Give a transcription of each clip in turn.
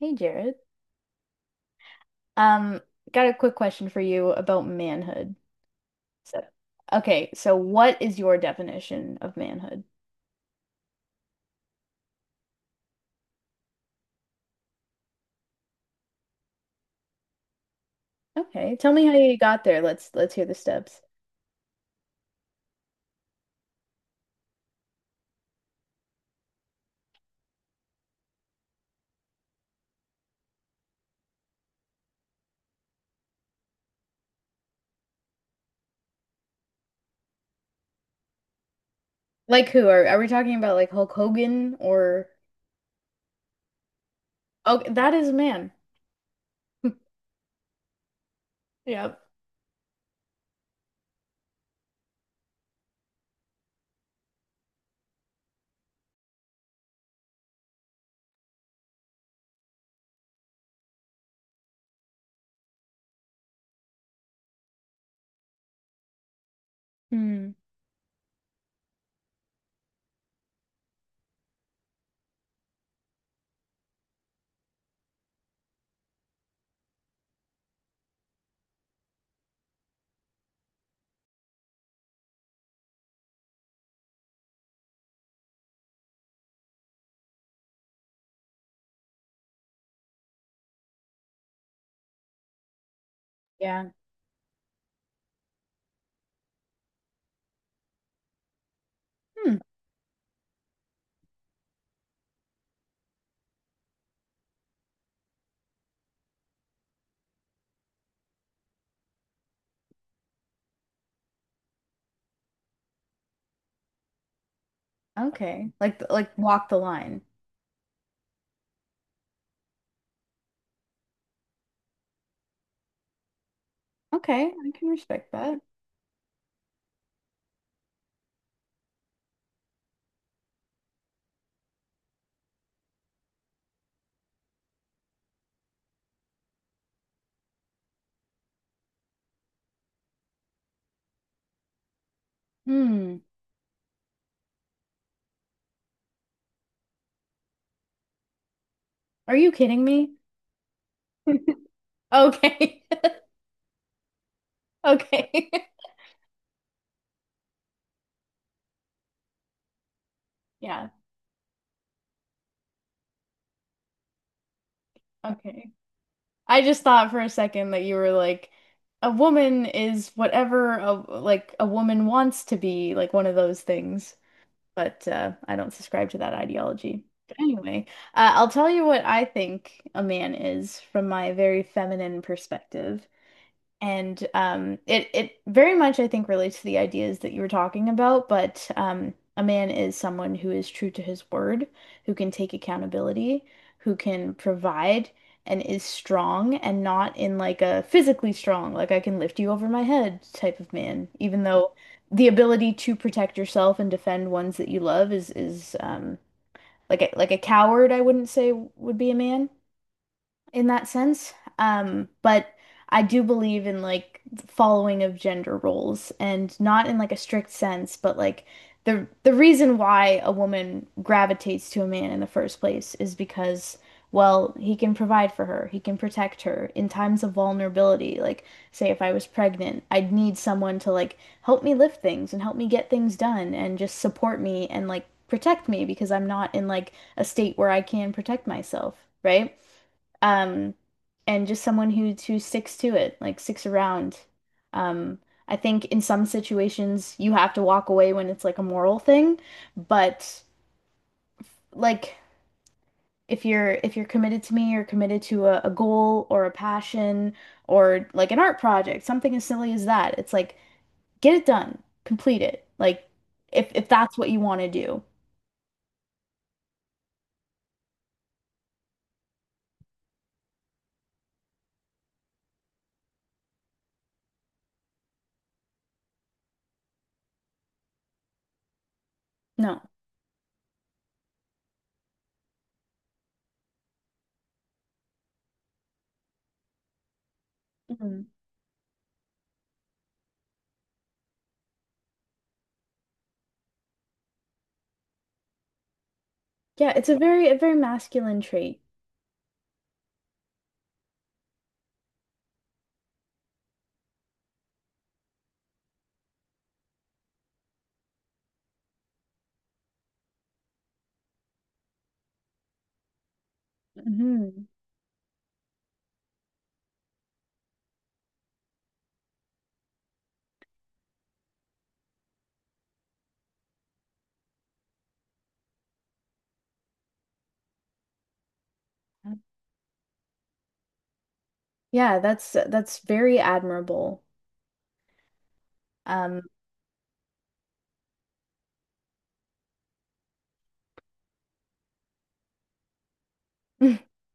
Hey Jared. Um, got a quick question for you about manhood. So, okay, so what is your definition of manhood? Okay, tell me how you got there. Let's hear the steps. Like who are we talking about, like Hulk Hogan? Or oh, that is a man. Yep. Hmm. Yeah. Hmm. Okay. Like walk the line. Okay, I can respect that. Hmm. Are you kidding me? Okay. Okay. Yeah. Okay. I just thought for a second that you were like, a woman is whatever a, like, a woman wants to be, like one of those things. But I don't subscribe to that ideology. But anyway, I'll tell you what I think a man is from my very feminine perspective. And it very much, I think, relates to the ideas that you were talking about, but a man is someone who is true to his word, who can take accountability, who can provide and is strong, and not in like a physically strong, like I can lift you over my head type of man. Even though the ability to protect yourself and defend ones that you love is like a coward, I wouldn't say would be a man in that sense. But I do believe in like following of gender roles, and not in like a strict sense, but like the reason why a woman gravitates to a man in the first place is because, well, he can provide for her, he can protect her in times of vulnerability. Like, say if I was pregnant, I'd need someone to like help me lift things and help me get things done and just support me and like protect me, because I'm not in like a state where I can protect myself, right? Um, and just someone who sticks to it, like sticks around. Um, I think in some situations you have to walk away when it's like a moral thing, but like if you're committed to me, or committed to a goal or a passion or like an art project, something as silly as that. It's like get it done, complete it. Like if that's what you want to do. No. Mhm. Yeah, it's a very masculine trait. Hmm. Yeah, that's very admirable. Um,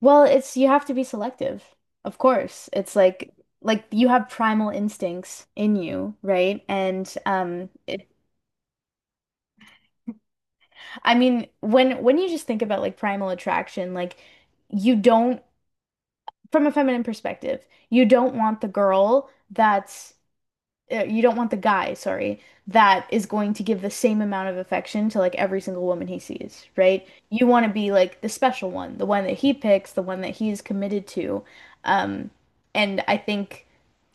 well, it's you have to be selective, of course. It's like you have primal instincts in you, right? And I mean, when you just think about like primal attraction, like you don't, from a feminine perspective, you don't want the girl that's you don't want the guy, sorry, that is going to give the same amount of affection to like every single woman he sees, right? You want to be like the special one, the one that he picks, the one that he is committed to. Um, and I think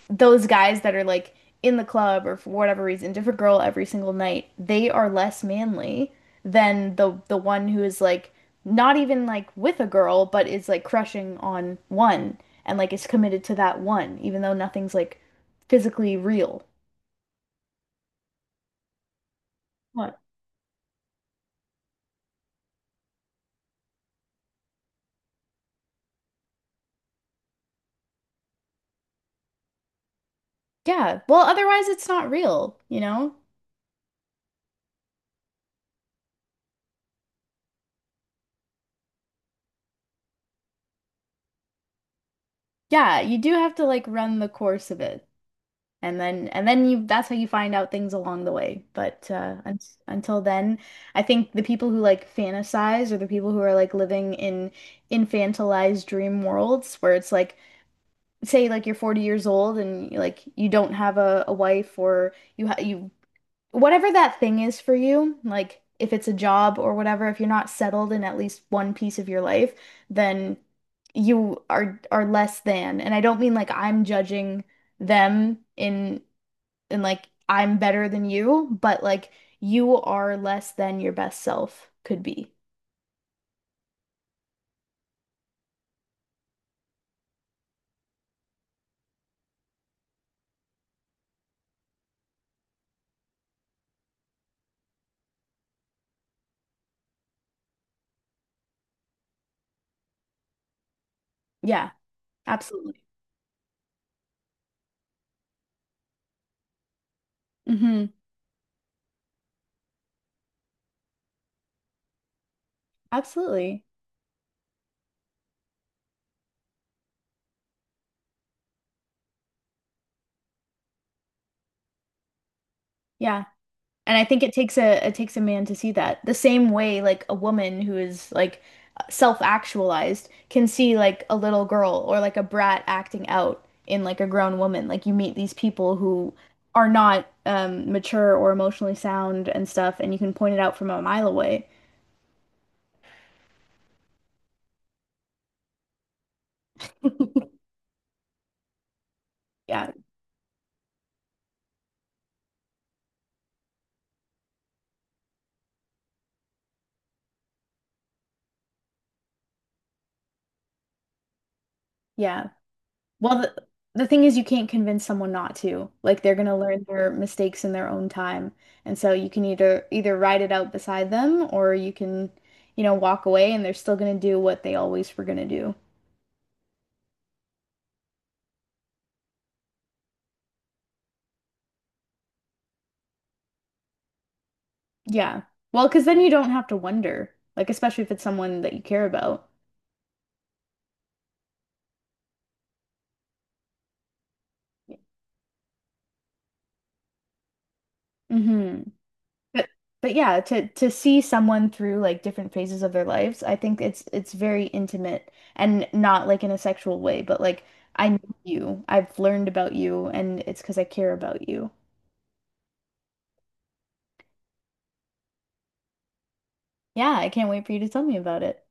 those guys that are like in the club or for whatever reason, different girl every single night, they are less manly than the one who is like not even like with a girl, but is like crushing on one and like is committed to that one, even though nothing's like physically real. What? Yeah. Well, otherwise it's not real, you know? Yeah, you do have to like run the course of it. And then you, that's how you find out things along the way. But un until then, I think the people who like fantasize, or the people who are like living in infantilized dream worlds where it's like say like you're 40 years old and like you don't have a wife, or you ha you, whatever that thing is for you, like if it's a job or whatever, if you're not settled in at least one piece of your life, then you are less than. And I don't mean like I'm judging them in like I'm better than you, but like you are less than your best self could be. Yeah, absolutely. Hmm. Absolutely. Yeah. And I think it takes a, it takes a man to see that. The same way like a woman who is like self-actualized can see like a little girl or like a brat acting out in like a grown woman. Like you meet these people who are not mature or emotionally sound and stuff, and you can point it out from a mile away. Yeah. Yeah. Well, the thing is, you can't convince someone not to. Like they're gonna learn their mistakes in their own time. And so you can either ride it out beside them, or you can, you know, walk away, and they're still gonna do what they always were gonna do. Yeah. Well, because then you don't have to wonder, like especially if it's someone that you care about. Hmm. But but yeah, to see someone through like different phases of their lives, I think it's very intimate, and not like in a sexual way, but like I know you, I've learned about you, and it's because I care about you. Yeah, I can't wait for you to tell me about it.